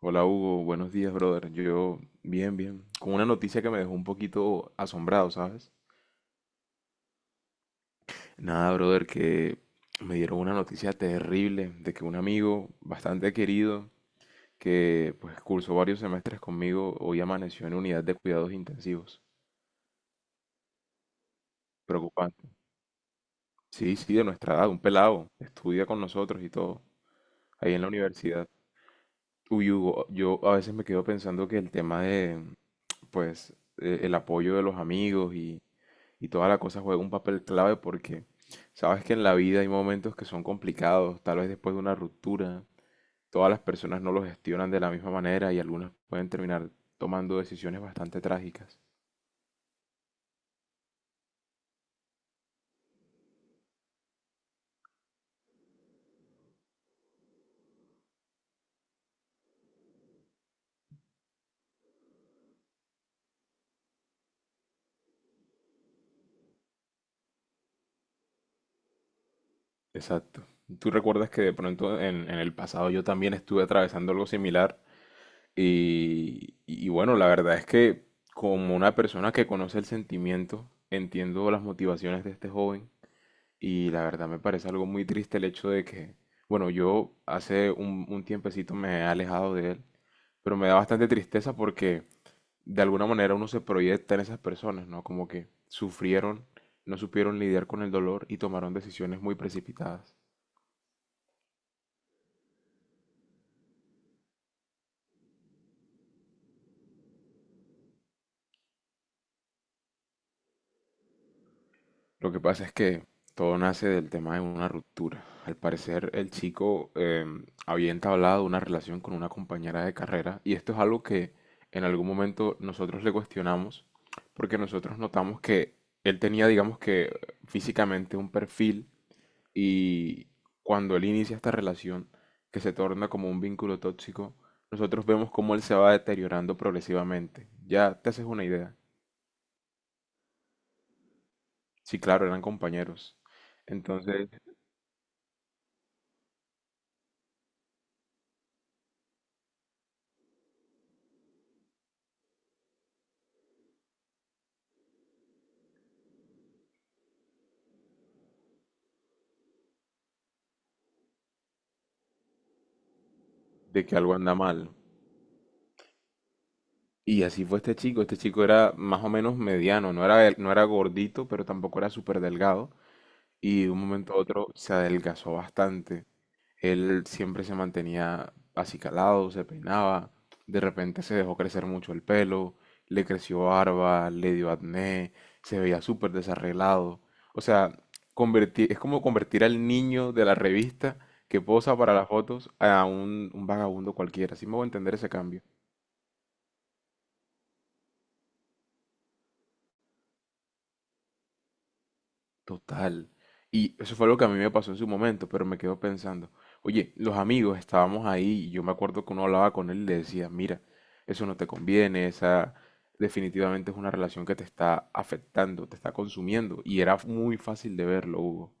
Hola Hugo, buenos días, brother. Yo, bien, bien. Con una noticia que me dejó un poquito asombrado, ¿sabes? Nada, brother, que me dieron una noticia terrible de que un amigo bastante querido, que pues cursó varios semestres conmigo, hoy amaneció en unidad de cuidados intensivos. Preocupante. Sí, sí, de nuestra edad, un pelado. Estudia con nosotros y todo, ahí en la universidad. Uy, Hugo, yo a veces me quedo pensando que el tema de, pues, el apoyo de los amigos y, toda la cosa juega un papel clave porque sabes que en la vida hay momentos que son complicados, tal vez después de una ruptura, todas las personas no lo gestionan de la misma manera y algunas pueden terminar tomando decisiones bastante trágicas. Exacto. ¿Tú recuerdas que de pronto en el pasado yo también estuve atravesando algo similar? Y bueno, la verdad es que como una persona que conoce el sentimiento, entiendo las motivaciones de este joven y la verdad me parece algo muy triste el hecho de que, bueno, yo hace un tiempecito me he alejado de él, pero me da bastante tristeza porque de alguna manera uno se proyecta en esas personas, ¿no? Como que sufrieron, no supieron lidiar con el dolor y tomaron decisiones muy precipitadas. Lo que pasa es que todo nace del tema de una ruptura. Al parecer, el chico había entablado una relación con una compañera de carrera y esto es algo que en algún momento nosotros le cuestionamos porque nosotros notamos que él tenía, digamos que físicamente un perfil, y cuando él inicia esta relación que se torna como un vínculo tóxico, nosotros vemos cómo él se va deteriorando progresivamente. Ya te haces una idea. Sí, claro, eran compañeros. Entonces, de que algo anda mal. Y así fue este chico. Este chico era más o menos mediano, no era gordito, pero tampoco era súper delgado. Y de un momento a otro se adelgazó bastante. Él siempre se mantenía acicalado, se peinaba. De repente se dejó crecer mucho el pelo, le creció barba, le dio acné, se veía súper desarreglado. O sea, es como convertir al niño de la revista que posa para las fotos a un vagabundo cualquiera. Así me voy a entender ese cambio. Total. Y eso fue lo que a mí me pasó en su momento, pero me quedo pensando, oye, los amigos estábamos ahí y yo me acuerdo que uno hablaba con él y le decía, mira, eso no te conviene, esa definitivamente es una relación que te está afectando, te está consumiendo. Y era muy fácil de verlo, Hugo.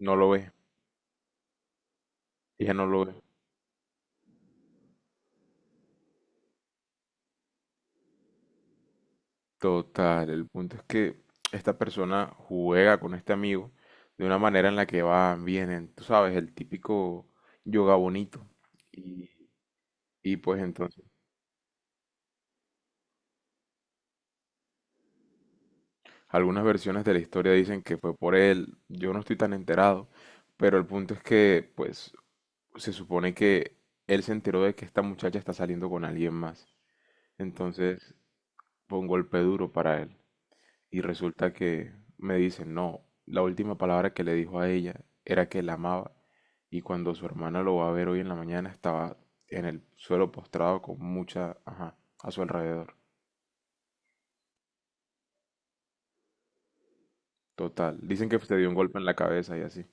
No lo ve, ella no lo ve. Total, el punto es que esta persona juega con este amigo de una manera en la que van, vienen, tú sabes, el típico yoga bonito. Y, y pues entonces... Algunas versiones de la historia dicen que fue por él, yo no estoy tan enterado, pero el punto es que, pues, se supone que él se enteró de que esta muchacha está saliendo con alguien más. Entonces fue un golpe duro para él. Y resulta que me dicen, no, la última palabra que le dijo a ella era que la amaba. Y cuando su hermana lo va a ver hoy en la mañana, estaba en el suelo postrado con mucha, ajá, a su alrededor. Total. Dicen que se dio un golpe en la cabeza y así.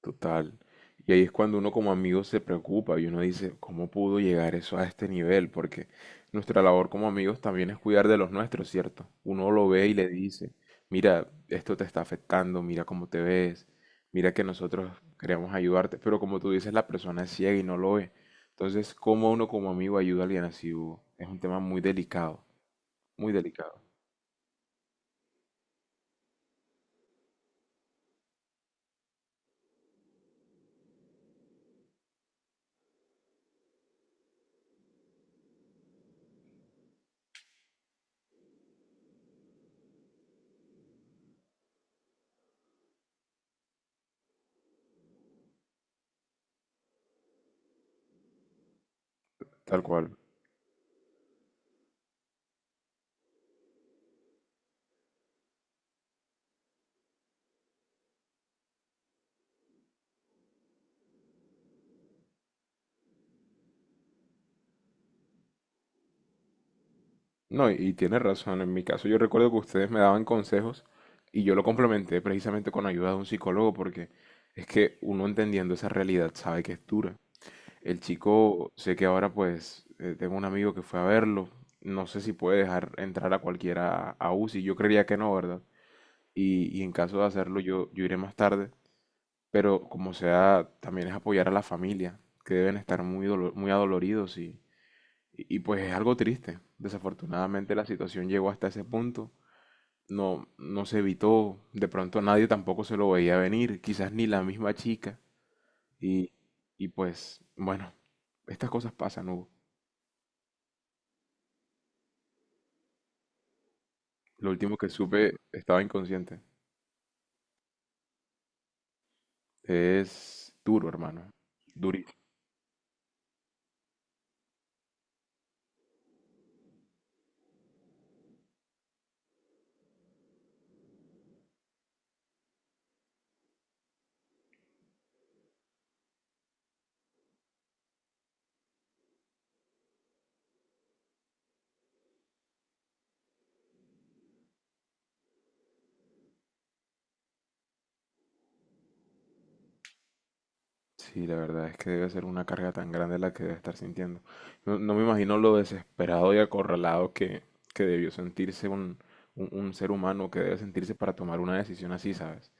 Total. Y ahí es cuando uno como amigo se preocupa y uno dice, ¿cómo pudo llegar eso a este nivel? Porque nuestra labor como amigos también es cuidar de los nuestros, ¿cierto? Uno lo ve y le dice, mira, esto te está afectando, mira cómo te ves, mira que nosotros queremos ayudarte, pero como tú dices, la persona es ciega y no lo ve. Entonces, ¿cómo uno como amigo ayuda a alguien así, Hugo? Es un tema muy delicado, tal cual. No, y tienes razón. En mi caso, yo recuerdo que ustedes me daban consejos y yo lo complementé precisamente con ayuda de un psicólogo porque es que uno entendiendo esa realidad sabe que es dura. El chico, sé que ahora pues tengo un amigo que fue a verlo. No sé si puede dejar entrar a cualquiera a UCI. Yo creería que no, ¿verdad? Y en caso de hacerlo, yo iré más tarde. Pero como sea, también es apoyar a la familia, que deben estar muy, muy adoloridos y, pues es algo triste. Desafortunadamente la situación llegó hasta ese punto. No, no se evitó. De pronto nadie tampoco se lo veía venir. Quizás ni la misma chica. Y, y pues, bueno, estas cosas pasan, Hugo. Lo último que supe estaba inconsciente. Es duro, hermano. Sí, la verdad es que debe ser una carga tan grande la que debe estar sintiendo. No, no me imagino lo desesperado y acorralado que debió sentirse un ser humano que debe sentirse para tomar una decisión así, ¿sabes?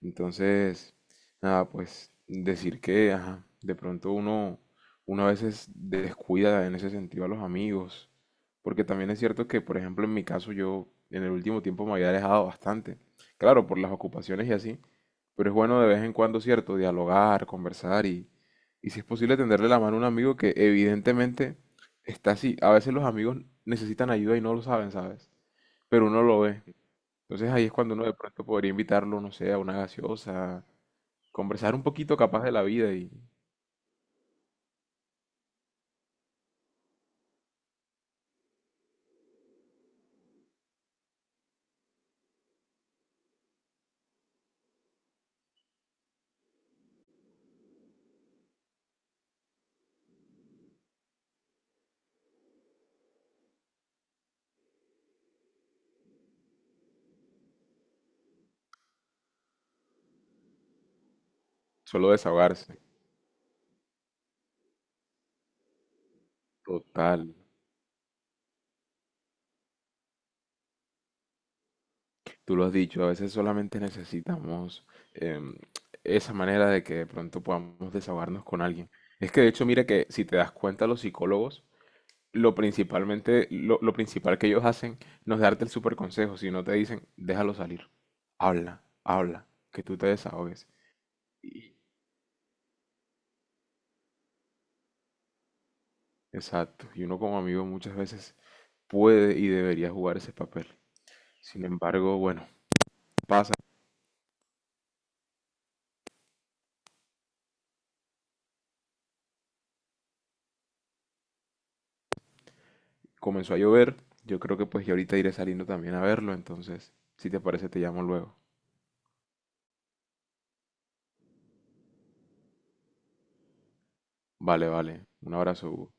Entonces, nada, pues decir que, ajá, de pronto uno a veces descuida en ese sentido a los amigos, porque también es cierto que, por ejemplo, en mi caso yo en el último tiempo me había alejado bastante, claro, por las ocupaciones y así, pero es bueno de vez en cuando, cierto, dialogar, conversar y si es posible tenderle la mano a un amigo que evidentemente está así. A veces los amigos necesitan ayuda y no lo saben, ¿sabes? Pero uno lo ve. Entonces ahí es cuando uno de pronto podría invitarlo, no sé, a una gaseosa, conversar un poquito capaz de la vida y solo desahogarse. Total, tú lo has dicho, a veces solamente necesitamos em, esa manera de que de pronto podamos desahogarnos con alguien. Es que de hecho, mira que si te das cuenta, los psicólogos, lo principal que ellos hacen no es darte el super consejo, sino te dicen, déjalo salir, habla, habla, que tú te desahogues. Y- Exacto, y uno como amigo muchas veces puede y debería jugar ese papel. Sin embargo, bueno, pasa. Comenzó a llover. Yo creo que pues ahorita iré saliendo también a verlo. Entonces, si te parece, te llamo luego. Vale, vale. Un abrazo, Hugo.